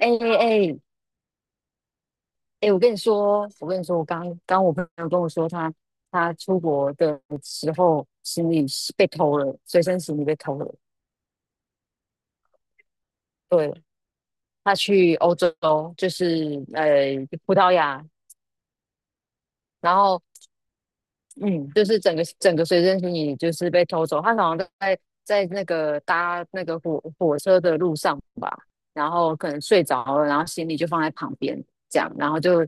哎哎哎，哎，我跟你说，我刚刚我朋友跟我说他出国的时候行李是被偷了，随身行李被偷了。对，他去欧洲，就是葡萄牙，然后嗯，就是整个随身行李就是被偷走。他好像在那个搭那个火车的路上吧，然后可能睡着了，然后行李就放在旁边，这样，然后就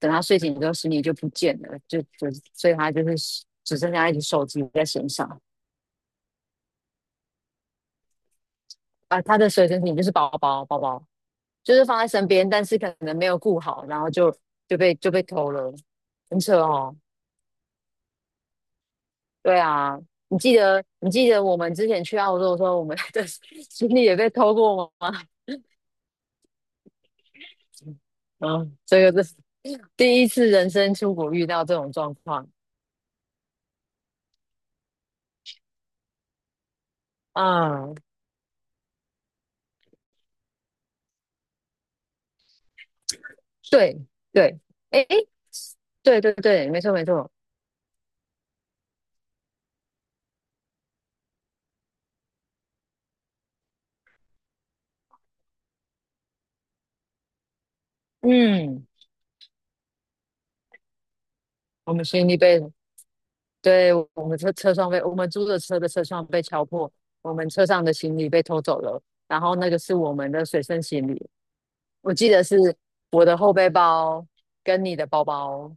等他睡醒之后，行李就不见了，所以他就是只剩下一只手机在身上啊。他的随身品就是包包，包包就是放在身边，但是可能没有顾好，然后就被偷了，很扯哦。对啊，你记得我们之前去澳洲的时候，我们的 行李也被偷过吗？嗯，这个是第一次人生出国遇到这种状况。嗯，对对，哎哎，诶对对对，没错没错，嗯。我们行李被，对，我们车窗被，我们租的车的车窗被敲破，我们车上的行李被偷走了，然后那个是我们的随身行李，我记得是我的后背包跟你的包包，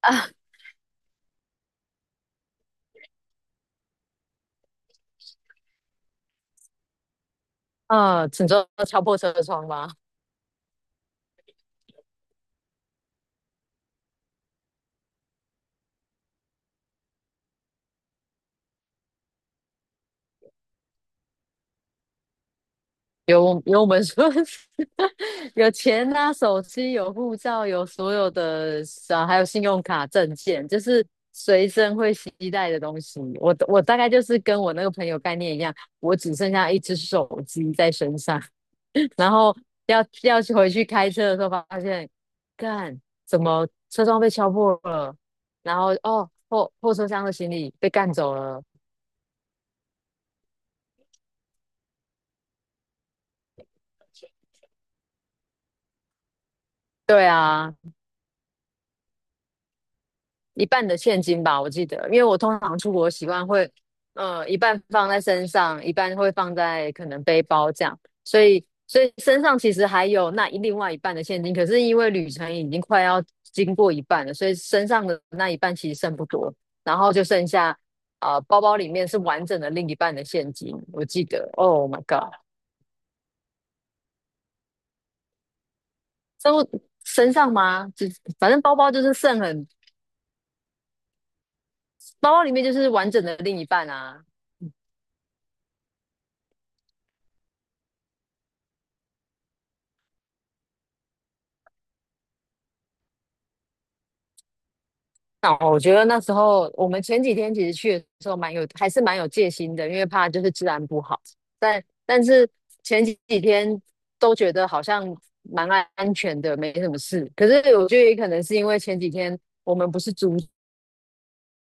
啊，嗯，请坐敲破车窗吧。有我们说 有钱啊，手机有护照，有所有的啊，还有信用卡、证件，就是随身会携带的东西。我大概就是跟我那个朋友概念一样，我只剩下一只手机在身上，然后要去回去开车的时候，发现干怎么车窗被敲破了，然后后车厢的行李被干走了。对啊，一半的现金吧，我记得，因为我通常出国习惯会，一半放在身上，一半会放在可能背包这样，所以身上其实还有另外一半的现金，可是因为旅程已经快要经过一半了，所以身上的那一半其实剩不多，然后就剩下，包包里面是完整的另一半的现金，我记得，Oh my God，都身上吗？就反正包包就是剩很，包包里面就是完整的另一半啊。那我觉得那时候我们前几天其实去的时候蛮有，还是蛮有戒心的，因为怕就是治安不好。但是前几天都觉得好像蛮安全的，没什么事。可是我觉得也可能是因为前几天我们不是租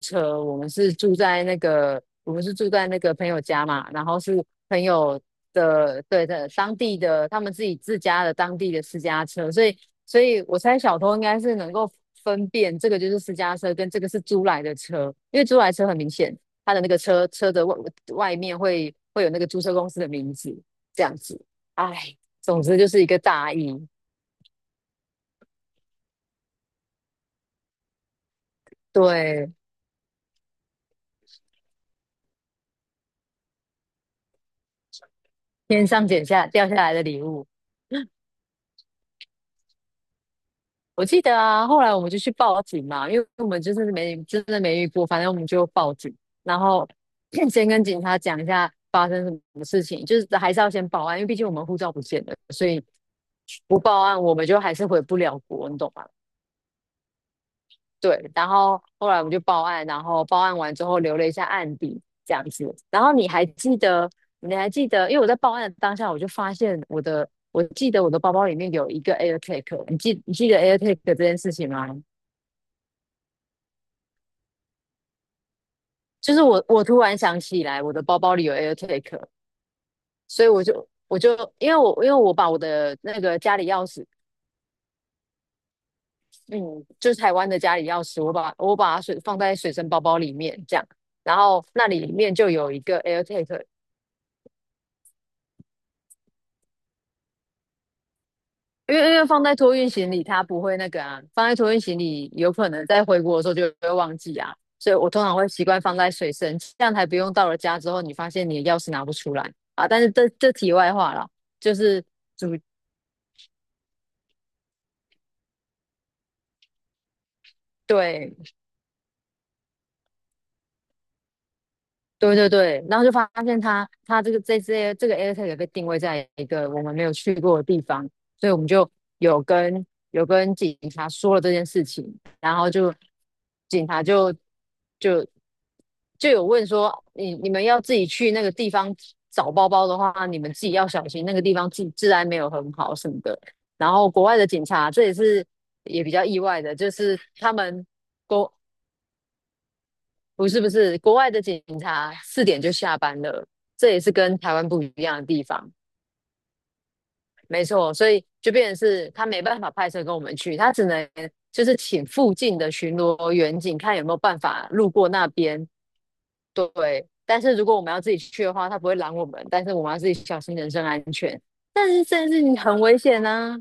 车，我们是住在那个，我们是住在那个朋友家嘛，然后是朋友的，对的，当地的他们自己自家的当地的私家车，所以我猜小偷应该是能够分辨这个就是私家车跟这个是租来的车，因为租来车很明显，他的那个车的外面会有那个租车公司的名字，这样子，哎，总之就是一个大意，对，天上掉下来的礼物。我记得啊，后来我们就去报警嘛，因为我们就是没真的没遇过，反正我们就报警，然后 先跟警察讲一下发生什么事情，就是还是要先报案，因为毕竟我们护照不见了，所以不报案我们就还是回不了国，你懂吗？对，然后后来我们就报案，然后报案完之后留了一下案底这样子，然后你还记得，因为我在报案的当下我就发现我的，我记得我的包包里面有一个 AirTag，你记得 AirTag 这件事情吗？就是我突然想起来，我的包包里有 AirTag，所以我就因为我把我的那个家里钥匙，嗯，就是台湾的家里钥匙，我把它水放在水身包包里面这样，然后那里面就有一个 AirTag，因为放在托运行李它不会那个啊，放在托运行李有可能在回国的时候就会忘记啊，所以我通常会习惯放在水身，这样才不用到了家之后你发现你的钥匙拿不出来啊。但是这题外话了，就是主对。对对对，然后就发现他这个这个 AirTag 被定位在一个我们没有去过的地方，所以我们就有跟有跟警察说了这件事情，然后就警察就就有问说，你们要自己去那个地方找包包的话，你们自己要小心，那个地方治安没有很好什么的。然后国外的警察，这也是也比较意外的，就是他们。不是不是，国外的警察四点就下班了，这也是跟台湾不一样的地方。没错，所以就变成是他没办法派车跟我们去，他只能就是请附近的巡逻员警看有没有办法路过那边。对，但是如果我们要自己去的话，他不会拦我们，但是我们要自己小心人身安全。但是这件事情很危险啊！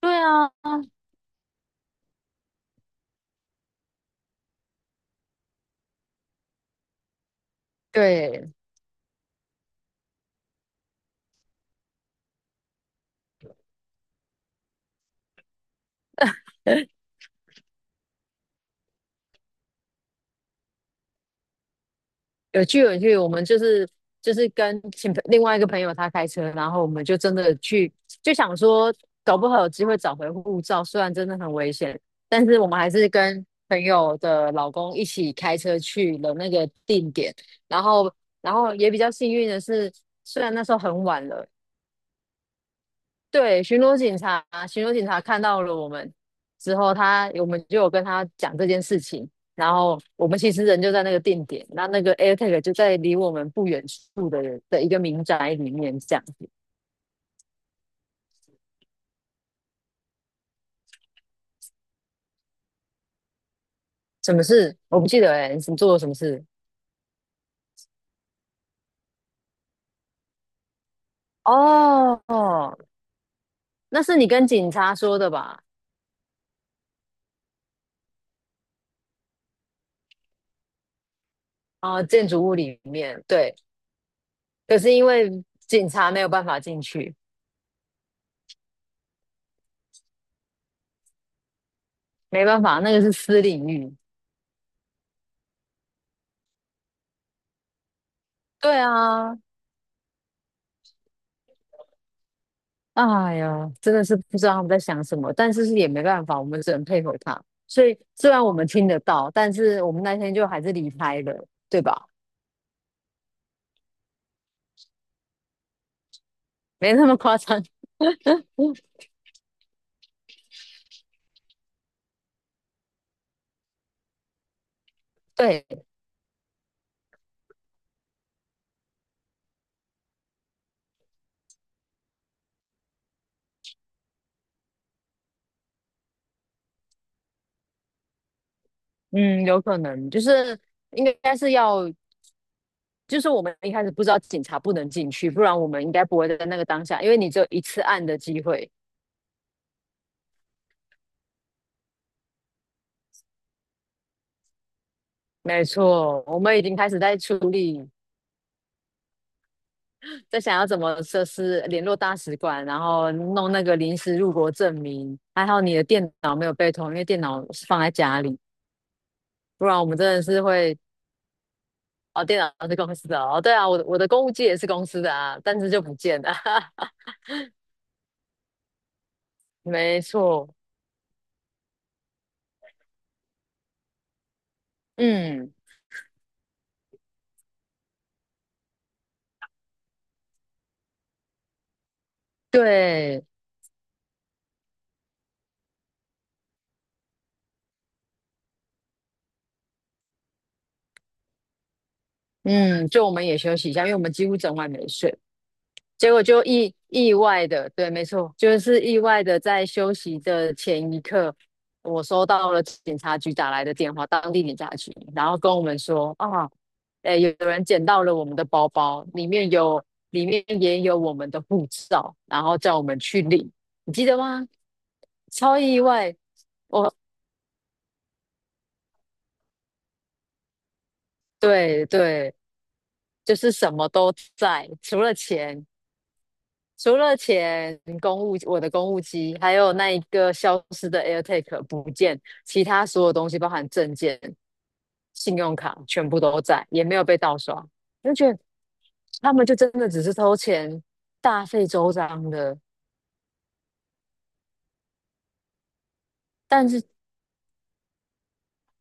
对啊，对，有去有去，我们就是跟另外一个朋友他开车，然后我们就真的去，就想说搞不好有机会找回护照，虽然真的很危险，但是我们还是跟朋友的老公一起开车去了那个定点，然后然后也比较幸运的是，虽然那时候很晚了，对，巡逻警察看到了我们之后他，我们就有跟他讲这件事情。然后我们其实人就在那个定点，那个 AirTag 就在离我们不远处的人的一个民宅里面这样子。什么事？我不记得哎、欸你什么做了什么事？哦，那是你跟警察说的吧？啊，建筑物里面，对。可是因为警察没有办法进去，没办法，那个是私领域。对啊，哎呀，真的是不知道他们在想什么，但是也没办法，我们只能配合他。所以虽然我们听得到，但是我们那天就还是离开了，对吧？没那么夸张。对，嗯，有可能就是应该是要，就是我们一开始不知道警察不能进去，不然我们应该不会在那个当下，因为你只有一次按的机会。没错，我们已经开始在处理在想要怎么设施联络大使馆，然后弄那个临时入国证明。还好你的电脑没有被偷，因为电脑是放在家里，不然我们真的是会哦，电脑是公司的哦，对啊，我的公务机也是公司的啊，但是就不见了，没错，嗯，对，嗯，就我们也休息一下，因为我们几乎整晚没睡。结果就意外的，对，没错，就是意外的，在休息的前一刻，我收到了警察局打来的电话，当地警察局，然后跟我们说啊，诶，有人捡到了我们的包包，里面有，里面也有我们的护照，然后叫我们去领，你记得吗？超意外，我，对对，就是什么都在，除了钱，除了钱、公务，我的公务机，还有那一个消失的 AirTag 不见，其他所有东西，包含证件、信用卡，全部都在，也没有被盗刷。就觉得他们就真的只是偷钱，大费周章的。但是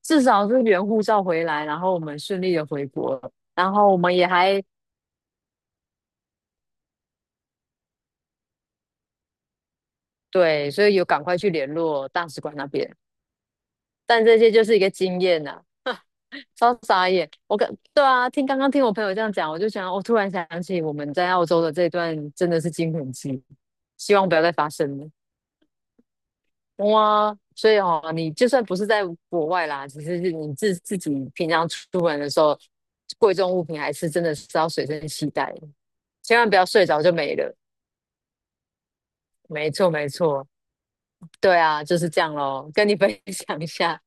至少是原护照回来，然后我们顺利的回国，然后我们也还对，所以有赶快去联络大使馆那边。但这些就是一个经验呐、超傻眼！我跟对啊，刚刚听我朋友这样讲，我就想，我突然想起我们在澳洲的这段真的是惊魂记，希望不要再发生了。哇，所以哦，你就算不是在国外啦，只是你自己平常出门的时候，贵重物品还是真的是要随身携带的千万不要睡着就没了。没错，没错，对啊，就是这样咯，跟你分享一下，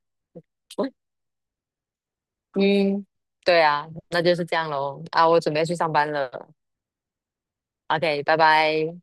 嗯，对啊，那就是这样咯。啊，我准备去上班了。OK，拜拜。